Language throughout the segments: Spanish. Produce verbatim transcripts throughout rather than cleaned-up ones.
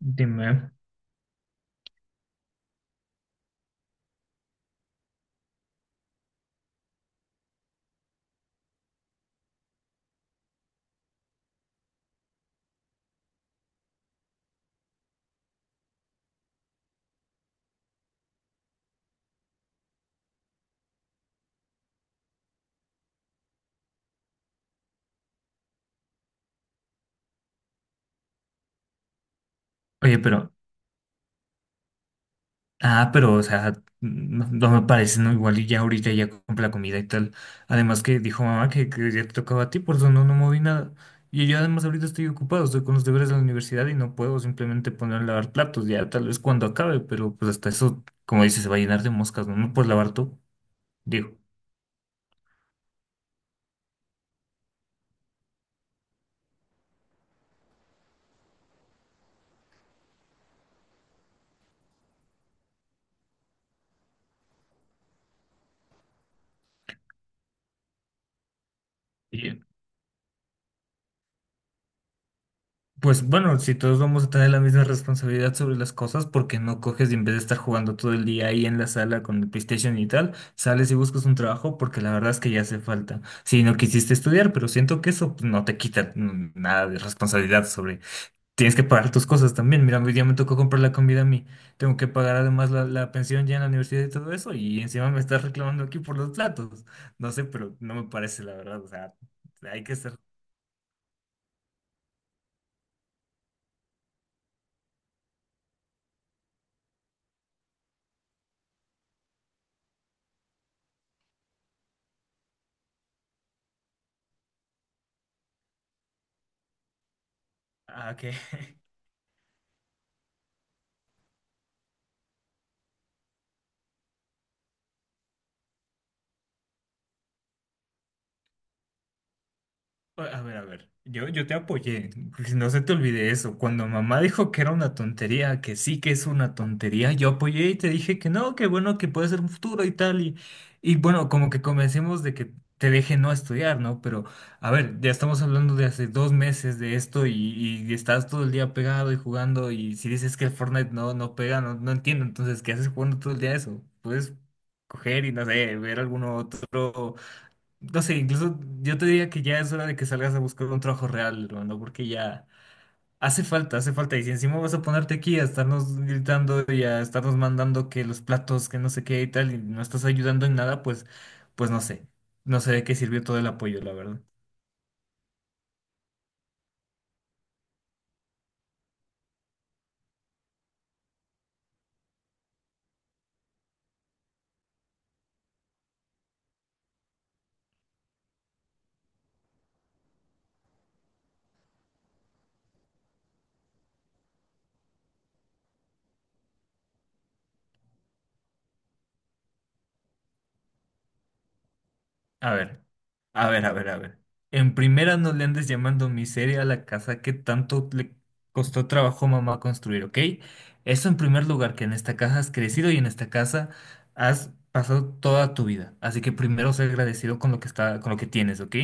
Dime. Oye, pero, ah, pero, o sea, no, no me parece, ¿no? Igual y ya ahorita ya compra la comida y tal. Además que dijo mamá que, que ya te tocaba a ti, por eso no, no moví nada. Y yo además ahorita estoy ocupado, estoy con los deberes de la universidad y no puedo simplemente poner a lavar platos, ya tal vez cuando acabe, pero pues hasta eso, como dices, se va a llenar de moscas, ¿no? No puedes lavar tú, digo. Pues bueno, si todos vamos a tener la misma responsabilidad sobre las cosas, porque no coges y en vez de estar jugando todo el día ahí en la sala con el PlayStation y tal, sales y buscas un trabajo porque la verdad es que ya hace falta. Si no quisiste estudiar, pero siento que eso pues, no te quita mm, nada de responsabilidad sobre... Tienes que pagar tus cosas también. Mira, hoy día me tocó comprar la comida a mí. Tengo que pagar además la, la pensión ya en la universidad y todo eso, y encima me estás reclamando aquí por los platos. No sé, pero no me parece la verdad. O sea, hay que ser... Ah, ok. A ver, a ver, yo, yo te apoyé, que no se te olvide eso. Cuando mamá dijo que era una tontería, que sí que es una tontería, yo apoyé y te dije que no, que bueno, que puede ser un futuro y tal. Y, y bueno, como que convencimos de que te deje no estudiar, ¿no? Pero, a ver, ya estamos hablando de hace dos meses de esto y, y estás todo el día pegado y jugando y si dices que el Fortnite no, no pega, no, no entiendo. Entonces, ¿qué haces jugando todo el día eso? Puedes coger y no sé, ver algún otro. No sé, incluso yo te diría que ya es hora de que salgas a buscar un trabajo real, hermano, ¿no? Porque ya hace falta, hace falta. Y si encima vas a ponerte aquí a estarnos gritando y a estarnos mandando que los platos, que no sé qué y tal, y no estás ayudando en nada, pues, pues no sé. No sé de qué sirvió todo el apoyo, la verdad. A ver, a ver, a ver, a ver. En primera no le andes llamando miseria a la casa que tanto le costó trabajo a mamá construir, ¿ok? Eso en primer lugar, que en esta casa has crecido y en esta casa has pasado toda tu vida. Así que primero sé agradecido con lo que está, con lo que tienes, ¿ok?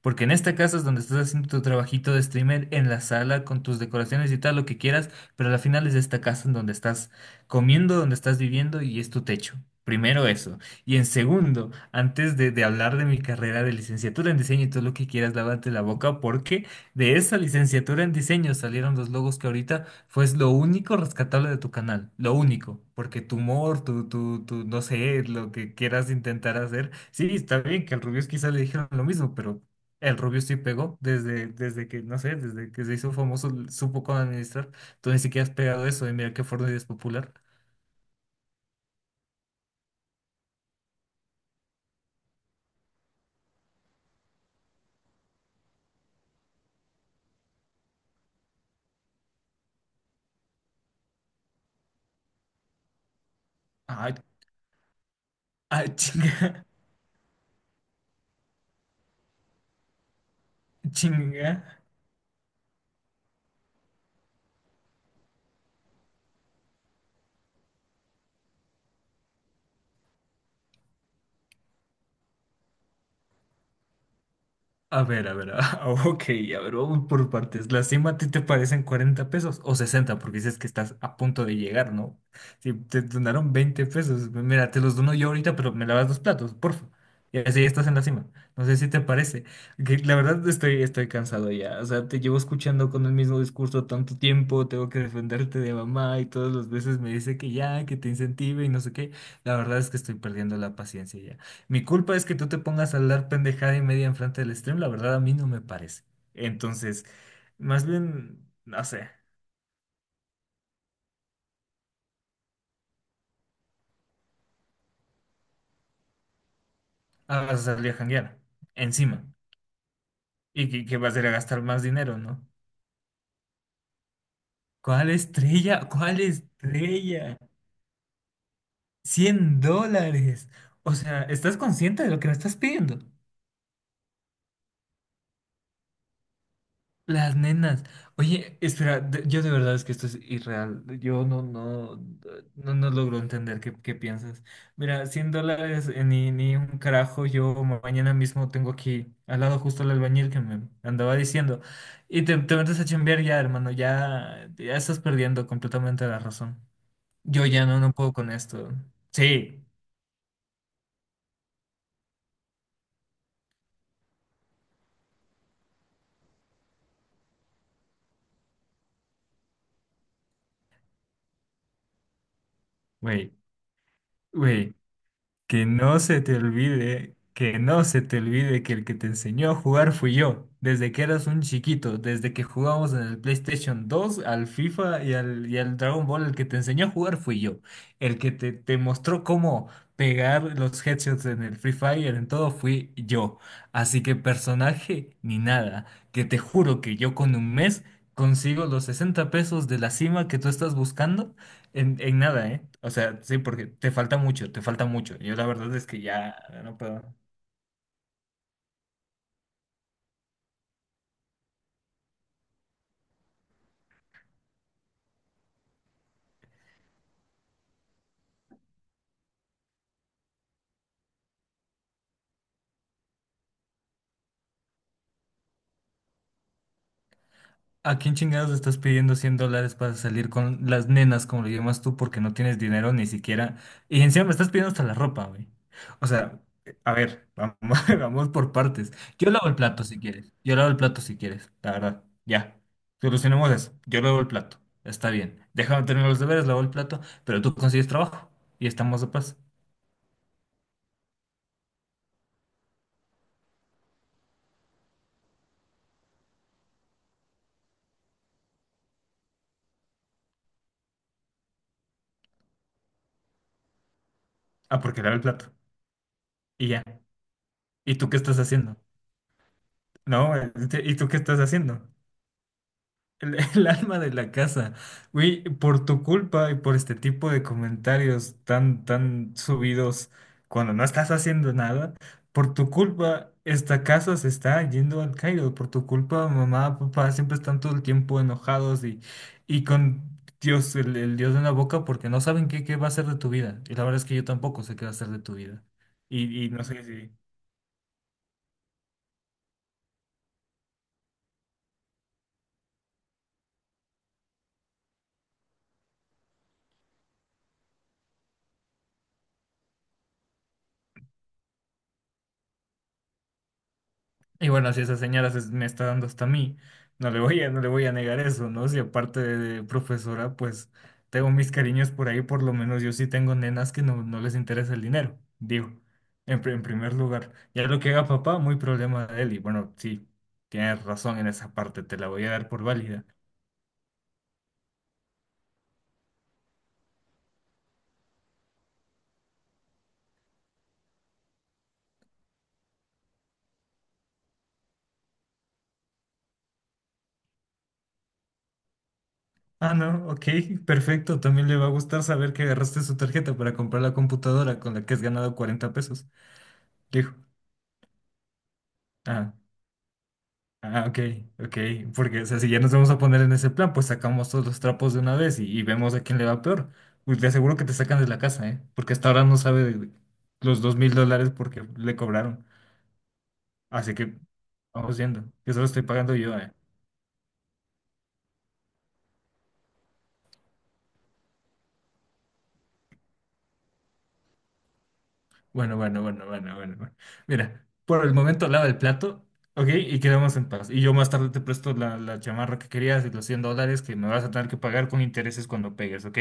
Porque en esta casa es donde estás haciendo tu trabajito de streamer, en la sala, con tus decoraciones y tal, lo que quieras, pero al final es esta casa en donde estás comiendo, donde estás viviendo y es tu techo. Primero eso. Y en segundo, antes de, de hablar de mi carrera de licenciatura en diseño y todo lo que quieras, lávate la boca porque de esa licenciatura en diseño salieron los logos que ahorita fue lo único rescatable de tu canal, lo único, porque tu humor, tu, tu, tu, no sé, lo que quieras intentar hacer, sí, está bien que al Rubius quizás le dijeron lo mismo, pero el Rubius sí pegó desde, desde, que, no sé, desde que se hizo famoso, supo cómo administrar, tú ni siquiera has pegado eso y mira qué forma de popular. Ay, ay, chinga, chinga. A ver, a ver, a- ok, a ver, vamos por partes. ¿La cima a ti te parecen cuarenta pesos o sesenta? Porque dices que estás a punto de llegar, ¿no? Si te donaron veinte pesos, mira, te los dono yo ahorita, pero me lavas los platos, porfa. Y así estás en la cima. No sé si te parece. Que la verdad estoy, estoy cansado ya. O sea, te llevo escuchando con el mismo discurso tanto tiempo, tengo que defenderte de mamá y todas las veces me dice que ya, que te incentive y no sé qué. La verdad es que estoy perdiendo la paciencia, mi culpa es que tú te pongas a hablar pendejada y media enfrente del stream, la verdad a mí no me parece. Entonces, más bien, no sé, ah, vas a salir a janguear encima y que, que vas a ir a gastar más dinero, ¿no? ¿Cuál estrella? ¿Cuál estrella? Cien dólares. O sea, ¿estás consciente de lo que me estás pidiendo? Las nenas. Oye, espera, de- yo de verdad es que esto es irreal. Yo no, no, no, no logro entender qué, qué, piensas. Mira, cien dólares, eh, ni, ni un carajo. Yo ma- mañana mismo tengo aquí al lado justo el albañil que me andaba diciendo. Y te, te metes a chambear ya, hermano. Ya, ya estás perdiendo completamente la razón. Yo ya no, no puedo con esto. Sí, güey, güey. Que no se te olvide, que no se te olvide que el que te enseñó a jugar fui yo, desde que eras un chiquito, desde que jugábamos en el PlayStation dos, al FIFA y al, y al Dragon Ball, el que te enseñó a jugar fui yo, el que te, te mostró cómo pegar los headshots en el Free Fire, en todo fui yo. Así que personaje ni nada, que te juro que yo con un mes consigo los sesenta pesos de la cima que tú estás buscando en, en, nada, ¿eh? O sea, sí, porque te falta mucho, te falta mucho. Yo la verdad es que ya no puedo. ¿A quién chingados estás pidiendo cien dólares para salir con las nenas, como lo llamas tú, porque no tienes dinero ni siquiera? Y encima me estás pidiendo hasta la ropa, güey. O sea, a ver, vamos, vamos por partes. Yo lavo el plato si quieres. Yo lavo el plato si quieres, la verdad. Ya. Solucionemos eso. Yo lavo el plato. Está bien. Déjame terminar los deberes, lavo el plato, pero tú consigues trabajo y estamos de paz. Ah, porque lavo el plato. Y ya. ¿Y tú qué estás haciendo? No, este, ¿y tú qué estás haciendo? El, el alma de la casa. Güey, por tu culpa y por este tipo de comentarios tan, tan subidos cuando no estás haciendo nada, por tu culpa esta casa se está yendo al caído. Por tu culpa, mamá, papá siempre están todo el tiempo enojados y, y con Dios, el, el Dios en la boca, porque no saben qué, qué va a ser de tu vida. Y la verdad es que yo tampoco sé qué va a ser de tu vida. Y, y no sé si... Y bueno, si esa señora se- me está dando hasta a mí, no le voy a, no le voy a negar eso, ¿no? Si aparte de profesora, pues tengo mis cariños por ahí, por lo menos yo sí tengo nenas que no, no les interesa el dinero, digo, en, pri- en primer lugar. Ya lo que haga papá, muy problema de él. Y bueno, sí, tienes razón en esa parte, te la voy a dar por válida. Ah, no, ok, perfecto. También le va a gustar saber que agarraste su tarjeta para comprar la computadora con la que has ganado cuarenta pesos. Dijo, ah. Ah, ok, ok, porque, o sea, si ya nos vamos a poner en ese plan, pues sacamos todos los trapos de una vez y, y vemos a quién le va peor. Uy, te aseguro que te sacan de la casa, ¿eh? Porque hasta ahora no sabe de los dos mil dólares porque le cobraron. Así que vamos viendo, que solo estoy pagando yo, ¿eh? Bueno, bueno, bueno, bueno, bueno, bueno. Mira, por el momento lava el plato, ¿ok? Y quedamos en paz. Y yo más tarde te presto la, la chamarra que querías y los cien dólares que me vas a tener que pagar con intereses cuando pegues, ¿ok?